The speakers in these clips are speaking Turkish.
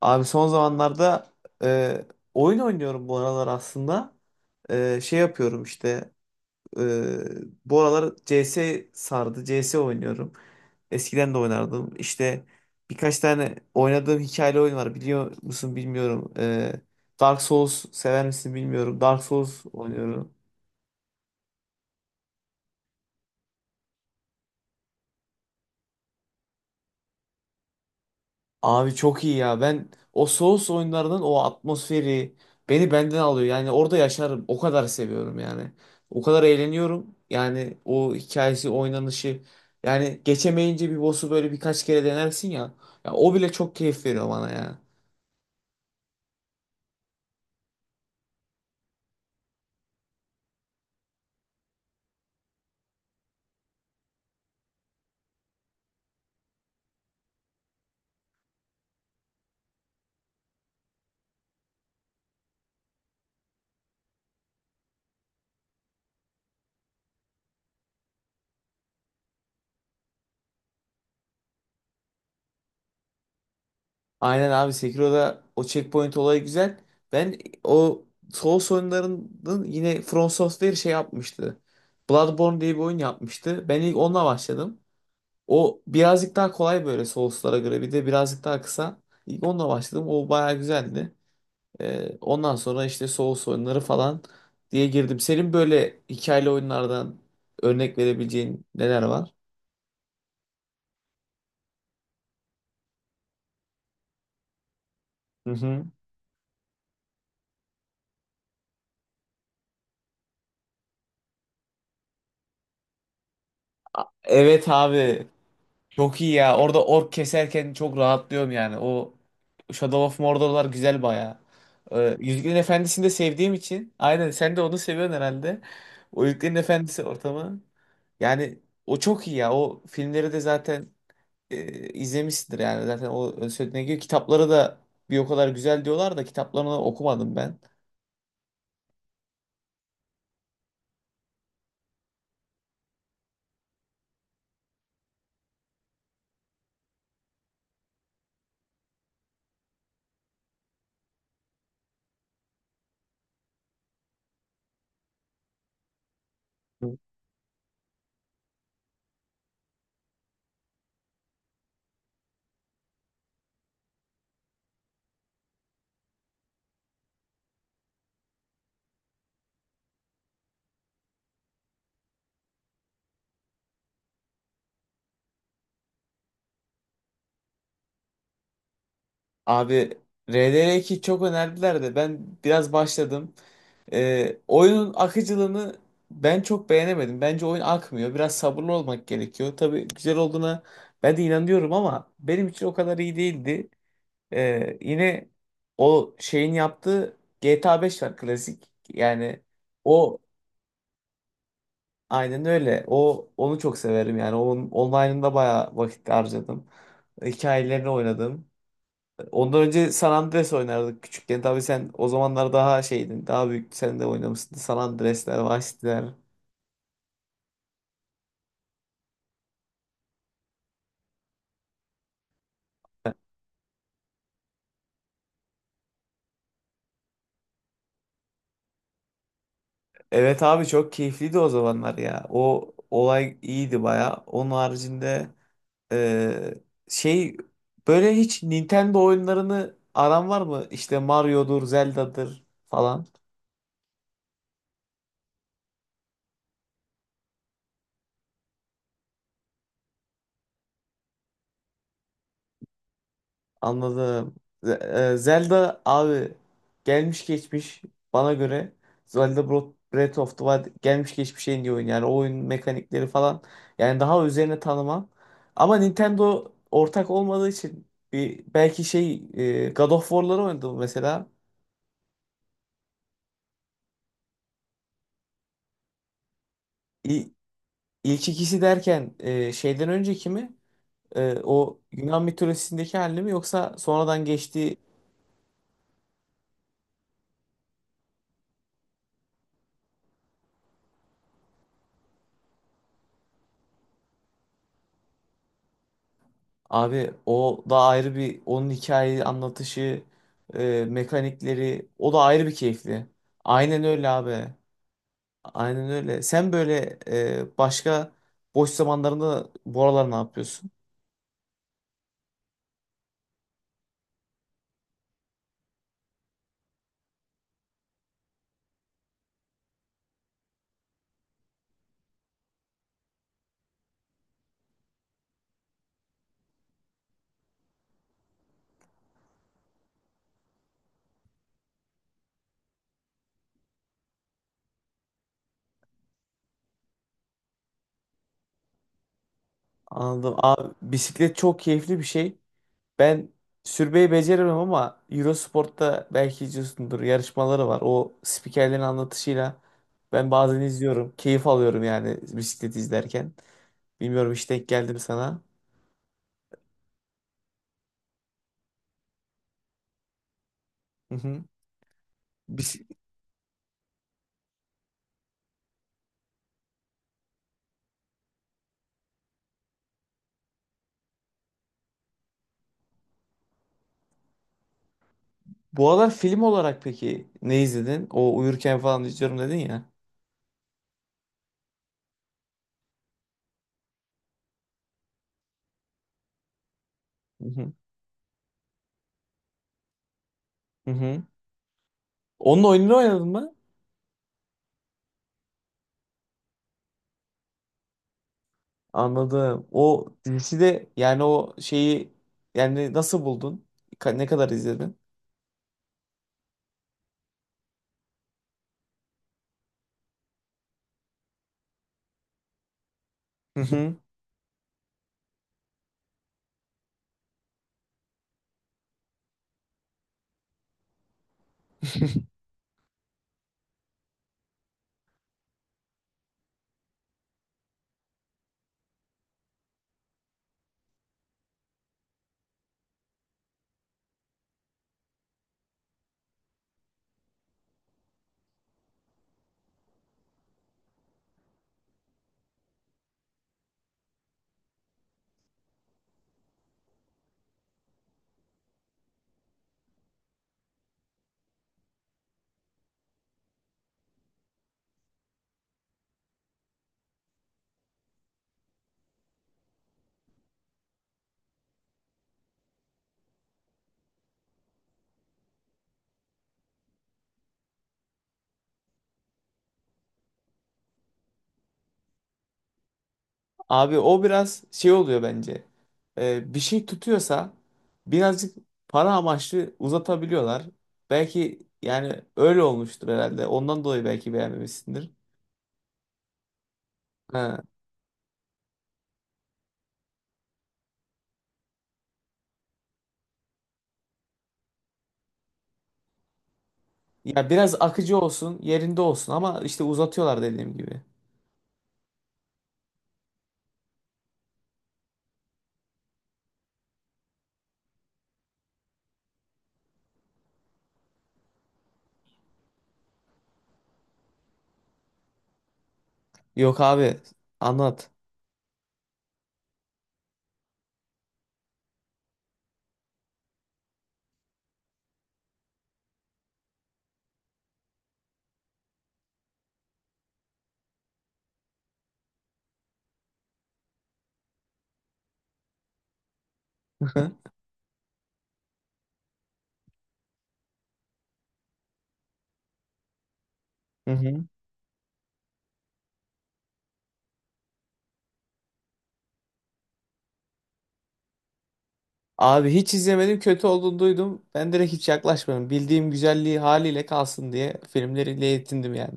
Abi son zamanlarda e, oyun oynuyorum bu aralar aslında. Şey yapıyorum işte e, bu aralar CS sardı. C S oynuyorum. Eskiden de oynardım. İşte birkaç tane oynadığım hikayeli oyun var. Biliyor musun bilmiyorum. Dark Souls sever misin bilmiyorum. Dark Souls oynuyorum. Abi çok iyi ya. Ben o Souls oyunlarının o atmosferi beni benden alıyor. Yani orada yaşarım. O kadar seviyorum yani. O kadar eğleniyorum. Yani o hikayesi, oynanışı. Yani geçemeyince bir boss'u böyle birkaç kere denersin ya. Ya o bile çok keyif veriyor bana ya. Aynen abi, Sekiro'da o checkpoint olayı güzel. Ben o Souls oyunlarının yine From Software şey yapmıştı. Bloodborne diye bir oyun yapmıştı. Ben ilk onunla başladım. O birazcık daha kolay böyle Souls'lara göre. Bir de birazcık daha kısa. İlk onunla başladım. O bayağı güzeldi. Ondan sonra işte Souls oyunları falan diye girdim. Senin böyle hikayeli oyunlardan örnek verebileceğin neler var? Hı hı. Evet abi. Çok iyi ya. Orada ork keserken çok rahatlıyorum yani. O Shadow of Mordor'lar güzel bayağı. Yüzüklerin Efendisi'ni de sevdiğim için. Aynen, sen de onu seviyorsun herhalde. O Yüzüklerin Efendisi ortamı. Yani o çok iyi ya. O filmleri de zaten izlemişsindir yani. Zaten o ön sözüne giriyor. Kitapları da bir o kadar güzel diyorlar da kitaplarını okumadım ben. Hı. Abi RDR2 çok önerdiler de ben biraz başladım. Oyunun akıcılığını ben çok beğenemedim. Bence oyun akmıyor. Biraz sabırlı olmak gerekiyor. Tabii güzel olduğuna ben de inanıyorum ama benim için o kadar iyi değildi. Yine o şeyin yaptığı GTA 5 var klasik. Yani o aynen öyle. O onu çok severim yani. Onun online'ında bayağı vakit harcadım. Hikayelerini oynadım. Ondan önce San Andreas oynardık küçükken. Tabii sen o zamanlar daha şeydin. Daha büyük sen de oynamışsın. San Andreas'ler, Vice City'ler. Evet abi, çok keyifliydi o zamanlar ya. O olay iyiydi baya. Onun haricinde e, şey, böyle hiç Nintendo oyunlarını aran var mı? İşte Mario'dur, Zelda'dır falan. Anladım. Zelda abi gelmiş geçmiş bana göre Breath of the Wild gelmiş geçmiş en iyi oyun. Yani o oyun mekanikleri falan, yani daha üzerine tanımam. Ama Nintendo ortak olmadığı için bir belki şey, God of War'ları oynadım mesela. İ- İlk ikisi derken şeyden önceki mi? O Yunan mitolojisindeki halini mi yoksa sonradan geçtiği? Abi o da ayrı, bir onun hikaye anlatışı, mekanikleri, o da ayrı bir keyifli. Aynen öyle abi. Aynen öyle. Sen böyle başka boş zamanlarında bu aralar ne yapıyorsun? Anladım. Abi bisiklet çok keyifli bir şey. Ben sürmeyi beceremem ama Eurosport'ta belki izliyorsundur, yarışmaları var. O spikerlerin anlatışıyla ben bazen izliyorum. Keyif alıyorum yani bisiklet izlerken. Bilmiyorum, hiç denk geldim sana. Hı hı. Bis- Bu aralar film olarak peki ne izledin? O uyurken falan izliyorum dedin ya. Hı hı. Hı hı. Onun oyununu oynadın mı? Anladım. O dizisi de, yani o şeyi, yani nasıl buldun? Ne kadar izledin? Hı hı. Abi o biraz şey oluyor bence. Bir şey tutuyorsa birazcık para amaçlı uzatabiliyorlar. Belki, yani öyle olmuştur herhalde. Ondan dolayı belki beğenmemişsindir. Ha. Ya biraz akıcı olsun, yerinde olsun ama işte uzatıyorlar dediğim gibi. Yok abi, anlat. Hı hı. Abi hiç izlemedim, kötü olduğunu duydum. Ben direkt hiç yaklaşmadım. Bildiğim güzelliği haliyle kalsın diye filmleriyle yetindim yani.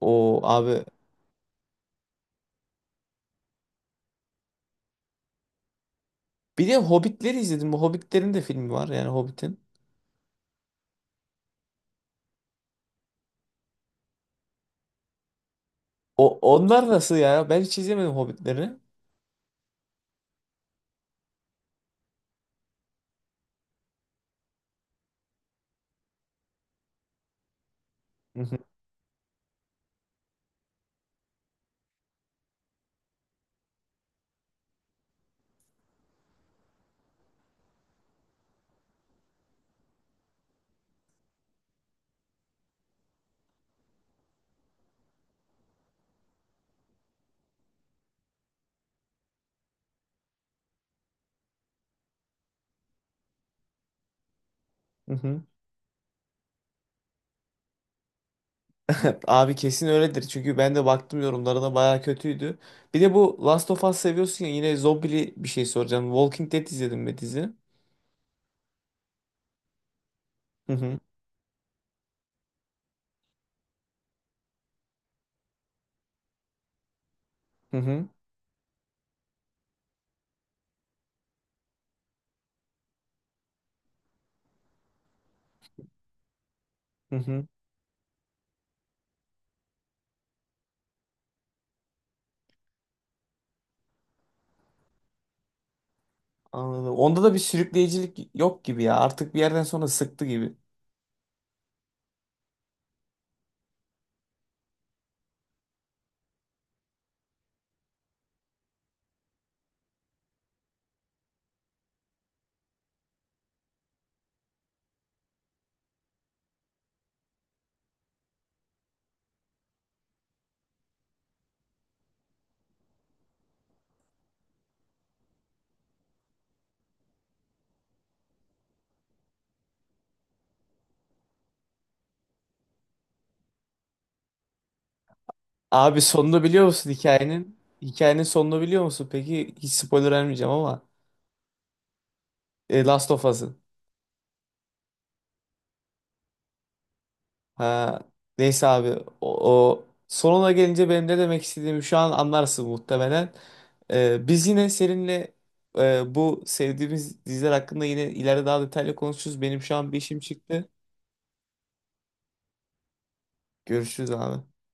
O abi. Bir de Hobbitleri izledim. Bu Hobbitlerin de filmi var yani, Hobbit'in. O onlar nasıl ya? Ben hiç izlemedim Hobbitleri. Hı hı. Hı hı. Abi kesin öyledir. Çünkü ben de baktım yorumlarına, bayağı kötüydü. Bir de bu Last of Us seviyorsun ya, yine zombili bir şey soracağım. Walking Dead izledin mi dizi? Hı hı. Hı hı. Hı hı. Anladım. Onda da bir sürükleyicilik yok gibi ya. Artık bir yerden sonra sıktı gibi. Abi sonunu biliyor musun hikayenin? Hikayenin sonunu biliyor musun? Peki, hiç spoiler vermeyeceğim ama Last of Us'ın. Ha, neyse abi, o sonuna gelince benim ne demek istediğimi şu an anlarsın muhtemelen. Biz yine seninle bu sevdiğimiz diziler hakkında yine ileride daha detaylı konuşuruz. Benim şu an bir işim çıktı. Görüşürüz abi.